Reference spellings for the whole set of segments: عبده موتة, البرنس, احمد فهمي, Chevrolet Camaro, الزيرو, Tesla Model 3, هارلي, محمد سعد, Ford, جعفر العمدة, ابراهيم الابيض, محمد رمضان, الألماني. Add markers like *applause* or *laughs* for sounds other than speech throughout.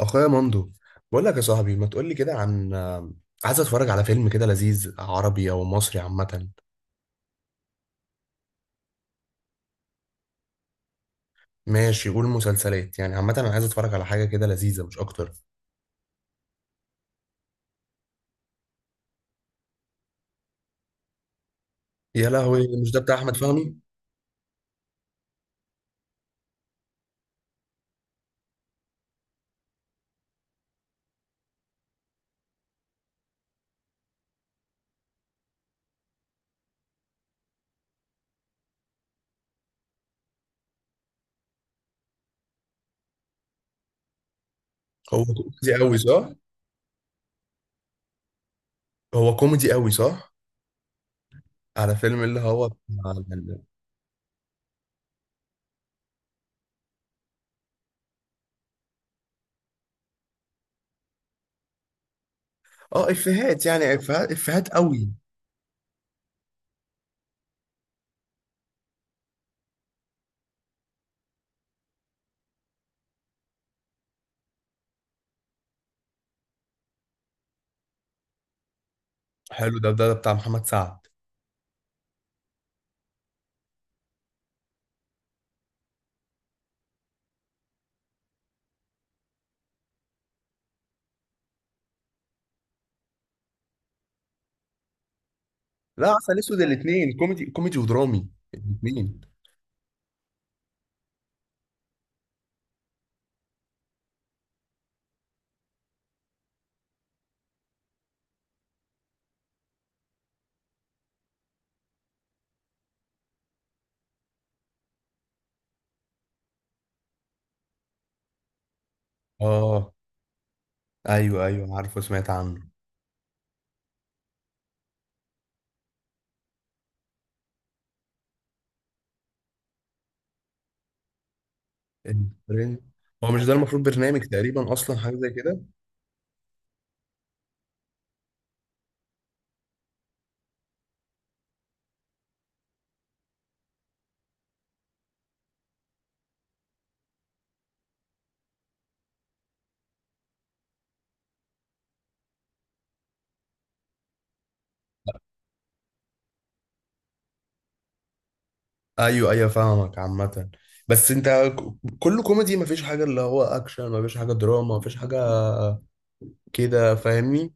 اخويا مندو، بقول لك يا صاحبي ما تقول لي كده عن عايز اتفرج على فيلم كده لذيذ عربي او مصري عامه. ماشي، قول مسلسلات، يعني عامه انا عايز اتفرج على حاجه كده لذيذه مش اكتر. يا لهوي، مش ده بتاع احمد فهمي؟ هو كوميدي قوي صح؟ هو كوميدي قوي صح؟ على فيلم اللي هو اه افيهات، يعني افيهات قوي. حلو ده, بتاع محمد سعد. لا عسل اسود الاثنين كوميدي ودرامي الاثنين. اه، ايوه ايوه، عارفه سمعت عنه. البرنس، هو مش ده المفروض برنامج تقريبا اصلا حاجه زي كده؟ ايوه ايوه فاهمك عامه. بس انت كله كوميدي، مفيش حاجه اللي هو اكشن، مفيش حاجه دراما، مفيش حاجه كده، فاهمني؟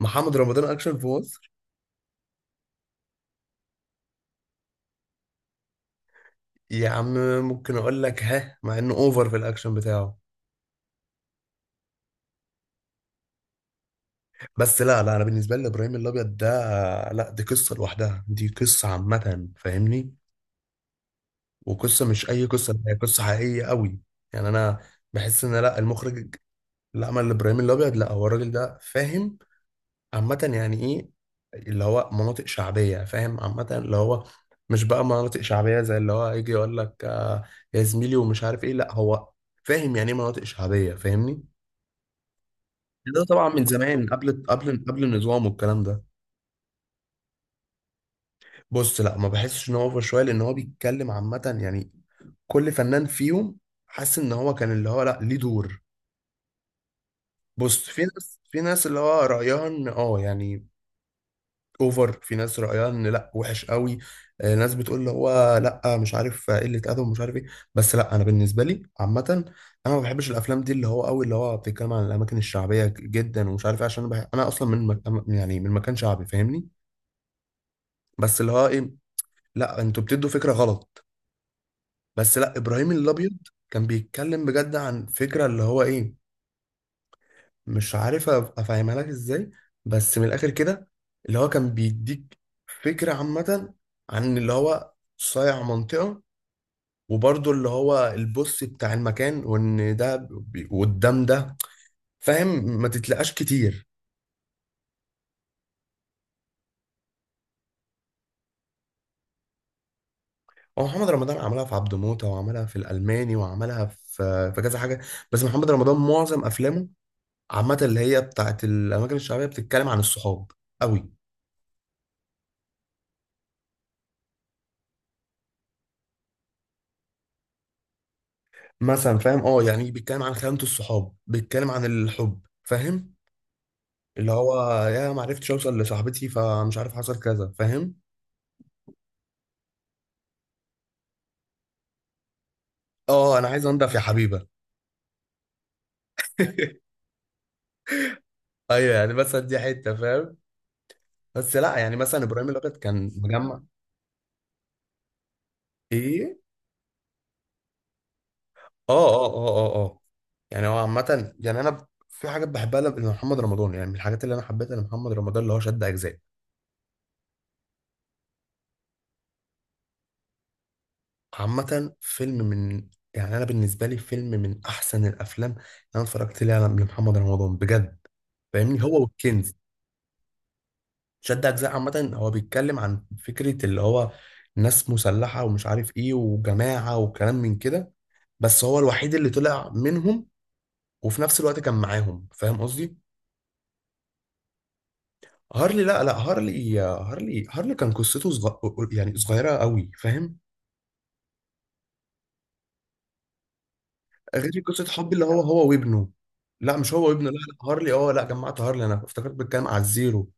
محمد رمضان اكشن في مصر، يا عم ممكن اقول لك، ها؟ مع انه اوفر في الاكشن بتاعه. بس لا لا، انا بالنسبه لي ابراهيم الابيض ده، لا دي قصه لوحدها، دي قصه عامه، فاهمني؟ وقصه مش اي قصه، هي قصه حقيقيه قوي. يعني انا بحس ان لا المخرج، لا ما الابراهيم الابيض، لا هو الراجل ده فاهم عامه يعني ايه اللي هو مناطق شعبيه، فاهم؟ عامه اللي هو مش بقى مناطق شعبيه زي اللي هو يجي يقول لك آه يا زميلي ومش عارف ايه، لا هو فاهم يعني ايه مناطق شعبيه، فاهمني؟ يعني ده طبعا من زمان، قبل قبل النظام والكلام ده. بص لا، ما بحسش ان هو اوفر شويه، لان هو بيتكلم عامه يعني كل فنان فيهم حاسس ان هو كان اللي هو لا ليه دور. بص، في ناس اللي هو رايها ان اه يعني اوفر، في ناس رأيها ان لا وحش قوي، آه، ناس بتقول اللي هو لا مش عارف آه، قلة ادب ومش عارف ايه. بس لا انا بالنسبة لي عامة انا ما بحبش الافلام دي اللي هو قوي اللي هو بتتكلم عن الاماكن الشعبية جدا ومش عارف ايه، عشان انا أنا اصلا من يعني من مكان شعبي فاهمني. بس اللي هو ايه، لا انتوا بتدوا فكرة غلط. بس لا، ابراهيم الابيض كان بيتكلم بجد عن فكرة اللي هو ايه، مش عارف افهمها لك ازاي، بس من الاخر كده اللي هو كان بيديك فكرة عامة عن اللي هو صايع منطقة، وبرضه اللي هو البوس بتاع المكان وان ده قدام ده، فاهم؟ ما تتلقاش كتير. هو محمد رمضان عملها في عبده موتة، وعملها في الألماني، وعملها في كذا حاجة. بس محمد رمضان معظم أفلامه عامة اللي هي بتاعت الأماكن الشعبية بتتكلم عن الصحاب قوي. مثلا فاهم اه، يعني بيتكلم عن خيانة الصحاب، بيتكلم عن الحب، فاهم؟ اللي هو يا ما عرفتش اوصل لصاحبتي، فمش عارف حصل كذا، فاهم؟ اه انا عايز انضف يا حبيبه. *laughs* ايوه يعني، بس دي حته فاهم. بس لا يعني مثلا ابراهيم الابيض كان مجمع. ايه، اه اه اه اه اه اه. يعني هو عامه، يعني انا في حاجات بحبها لمحمد رمضان. يعني من الحاجات اللي انا حبيتها لمحمد رمضان اللي هو شد اجزاء. عامه فيلم من، يعني انا بالنسبه لي فيلم من احسن الافلام اللي انا اتفرجت ليها لمحمد رمضان بجد، فاهمني؟ هو والكنز. شد اجزاء عامه هو بيتكلم عن فكره اللي هو ناس مسلحه ومش عارف ايه وجماعه وكلام من كده، بس هو الوحيد اللي طلع منهم، وفي نفس الوقت كان معاهم، فاهم قصدي؟ هارلي لا لا، هارلي هارلي كان قصته يعني صغيره قوي، فاهم؟ غير قصه حب اللي هو هو وابنه. لا مش هو وابنه، لا لا هارلي، اه لا جمعت هارلي، انا افتكرت بتكلم على الزيرو.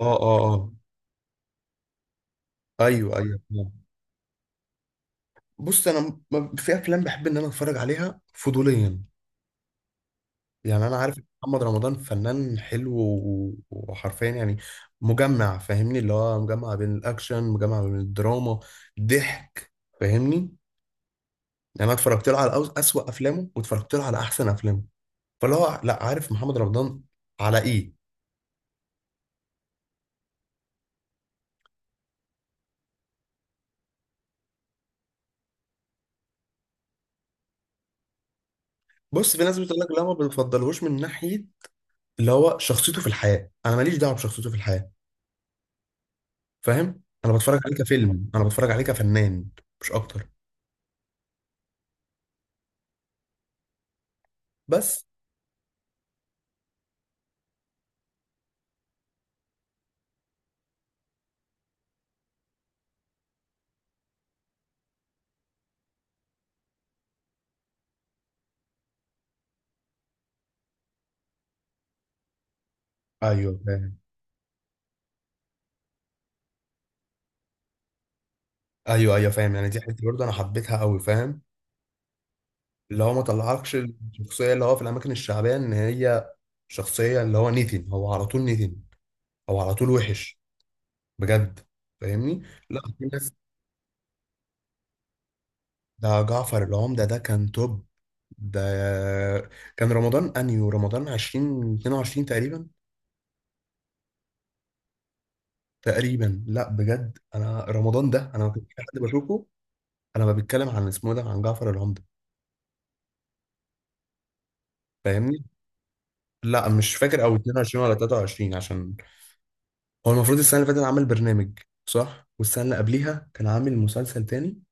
اه اه اه، ايوه ايوه آه. بص انا في افلام بحب ان انا اتفرج عليها فضوليا. يعني انا عارف إن محمد رمضان فنان حلو وحرفيا يعني مجمع، فاهمني؟ اللي هو مجمع بين الاكشن، مجمع بين الدراما، ضحك، فاهمني؟ يعني انا اتفرجت له على اسوأ افلامه، واتفرجت له على احسن افلامه، فاللي هو لا عارف محمد رمضان على ايه. بص في ناس بتقول لك لا ما بتفضلهوش من ناحيه اللي هو شخصيته في الحياه، انا ماليش دعوه بشخصيته في الحياه، فاهم؟ انا بتفرج عليه كفيلم، انا بتفرج عليه كفنان مش اكتر. بس ايوه فاهم. ايوه ايوه فاهم، يعني دي حته برضه انا حبيتها قوي، فاهم؟ اللي هو ما طلعكش الشخصية اللي هو في الأماكن الشعبية إن هي شخصية اللي هو نيتن، هو على طول نيتن، هو على طول وحش، بجد. فاهمني؟ لا في ناس، ده جعفر العمدة ده كان توب. ده كان رمضان أنيو، رمضان 20 22 تقريبا، تقريبا. لا بجد، أنا رمضان ده أنا ما كنتش في حد بشوفه. أنا ما بتكلم عن اسمه ده، عن جعفر العمدة، فاهمني؟ لا مش فاكر، أو 22 ولا 23، عشان هو المفروض السنة اللي فاتت عمل برنامج، صح؟ والسنة اللي قبليها كان عامل مسلسل تاني،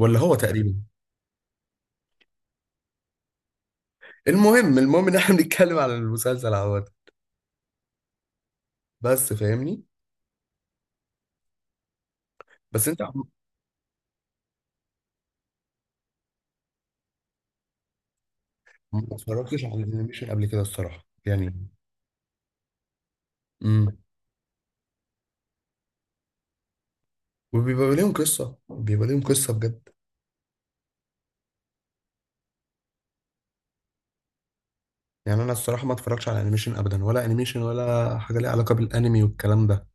ولا هو تقريبا. المهم ان احنا *laughs* بنتكلم على المسلسل عوض، بس فاهمني. بس انت ما اتفرجتش على الانيميشن قبل كده الصراحة، يعني امم، وبيبقى ليهم قصة، بيبقى ليهم قصة بجد. يعني انا الصراحة ما اتفرجتش على انيميشن ابدا، ولا انيميشن ولا حاجة ليها علاقة بالانمي والكلام ده،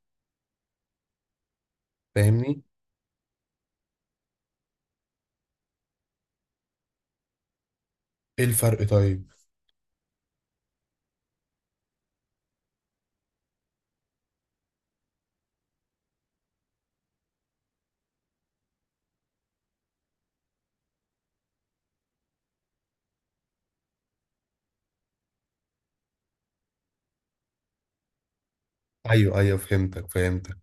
فاهمني؟ ايه الفرق طيب؟ ايوه ايوه، فهمتك.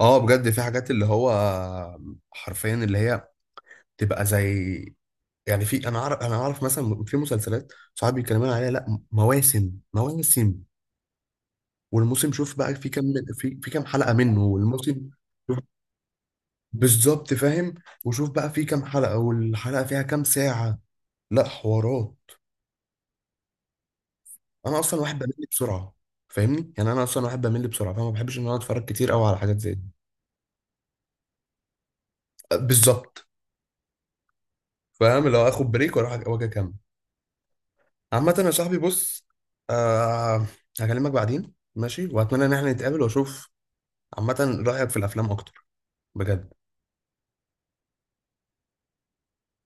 اه بجد، في حاجات اللي هو حرفيا اللي هي تبقى زي، يعني في، انا اعرف مثلا في مسلسلات صحابي بيتكلموا عليها، لا مواسم مواسم، والموسم شوف بقى في كام، في كام حلقة منه، والموسم شوف. بالظبط، فاهم؟ وشوف بقى في كام حلقة، والحلقة فيها كام ساعة، لا حوارات. انا اصلا واحد بمل بسرعة، فاهمني؟ يعني انا اصلا واحد بمل بسرعة، فما بحبش ان انا اتفرج كتير قوي على حاجات زي دي. بالظبط فاهم، لو اخد بريك واروح واجي اكمل. عامة يا صاحبي، بص آه، هكلمك بعدين ماشي، واتمنى ان احنا نتقابل، واشوف عامة رأيك في الافلام اكتر بجد.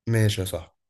ماشي يا صاحبي.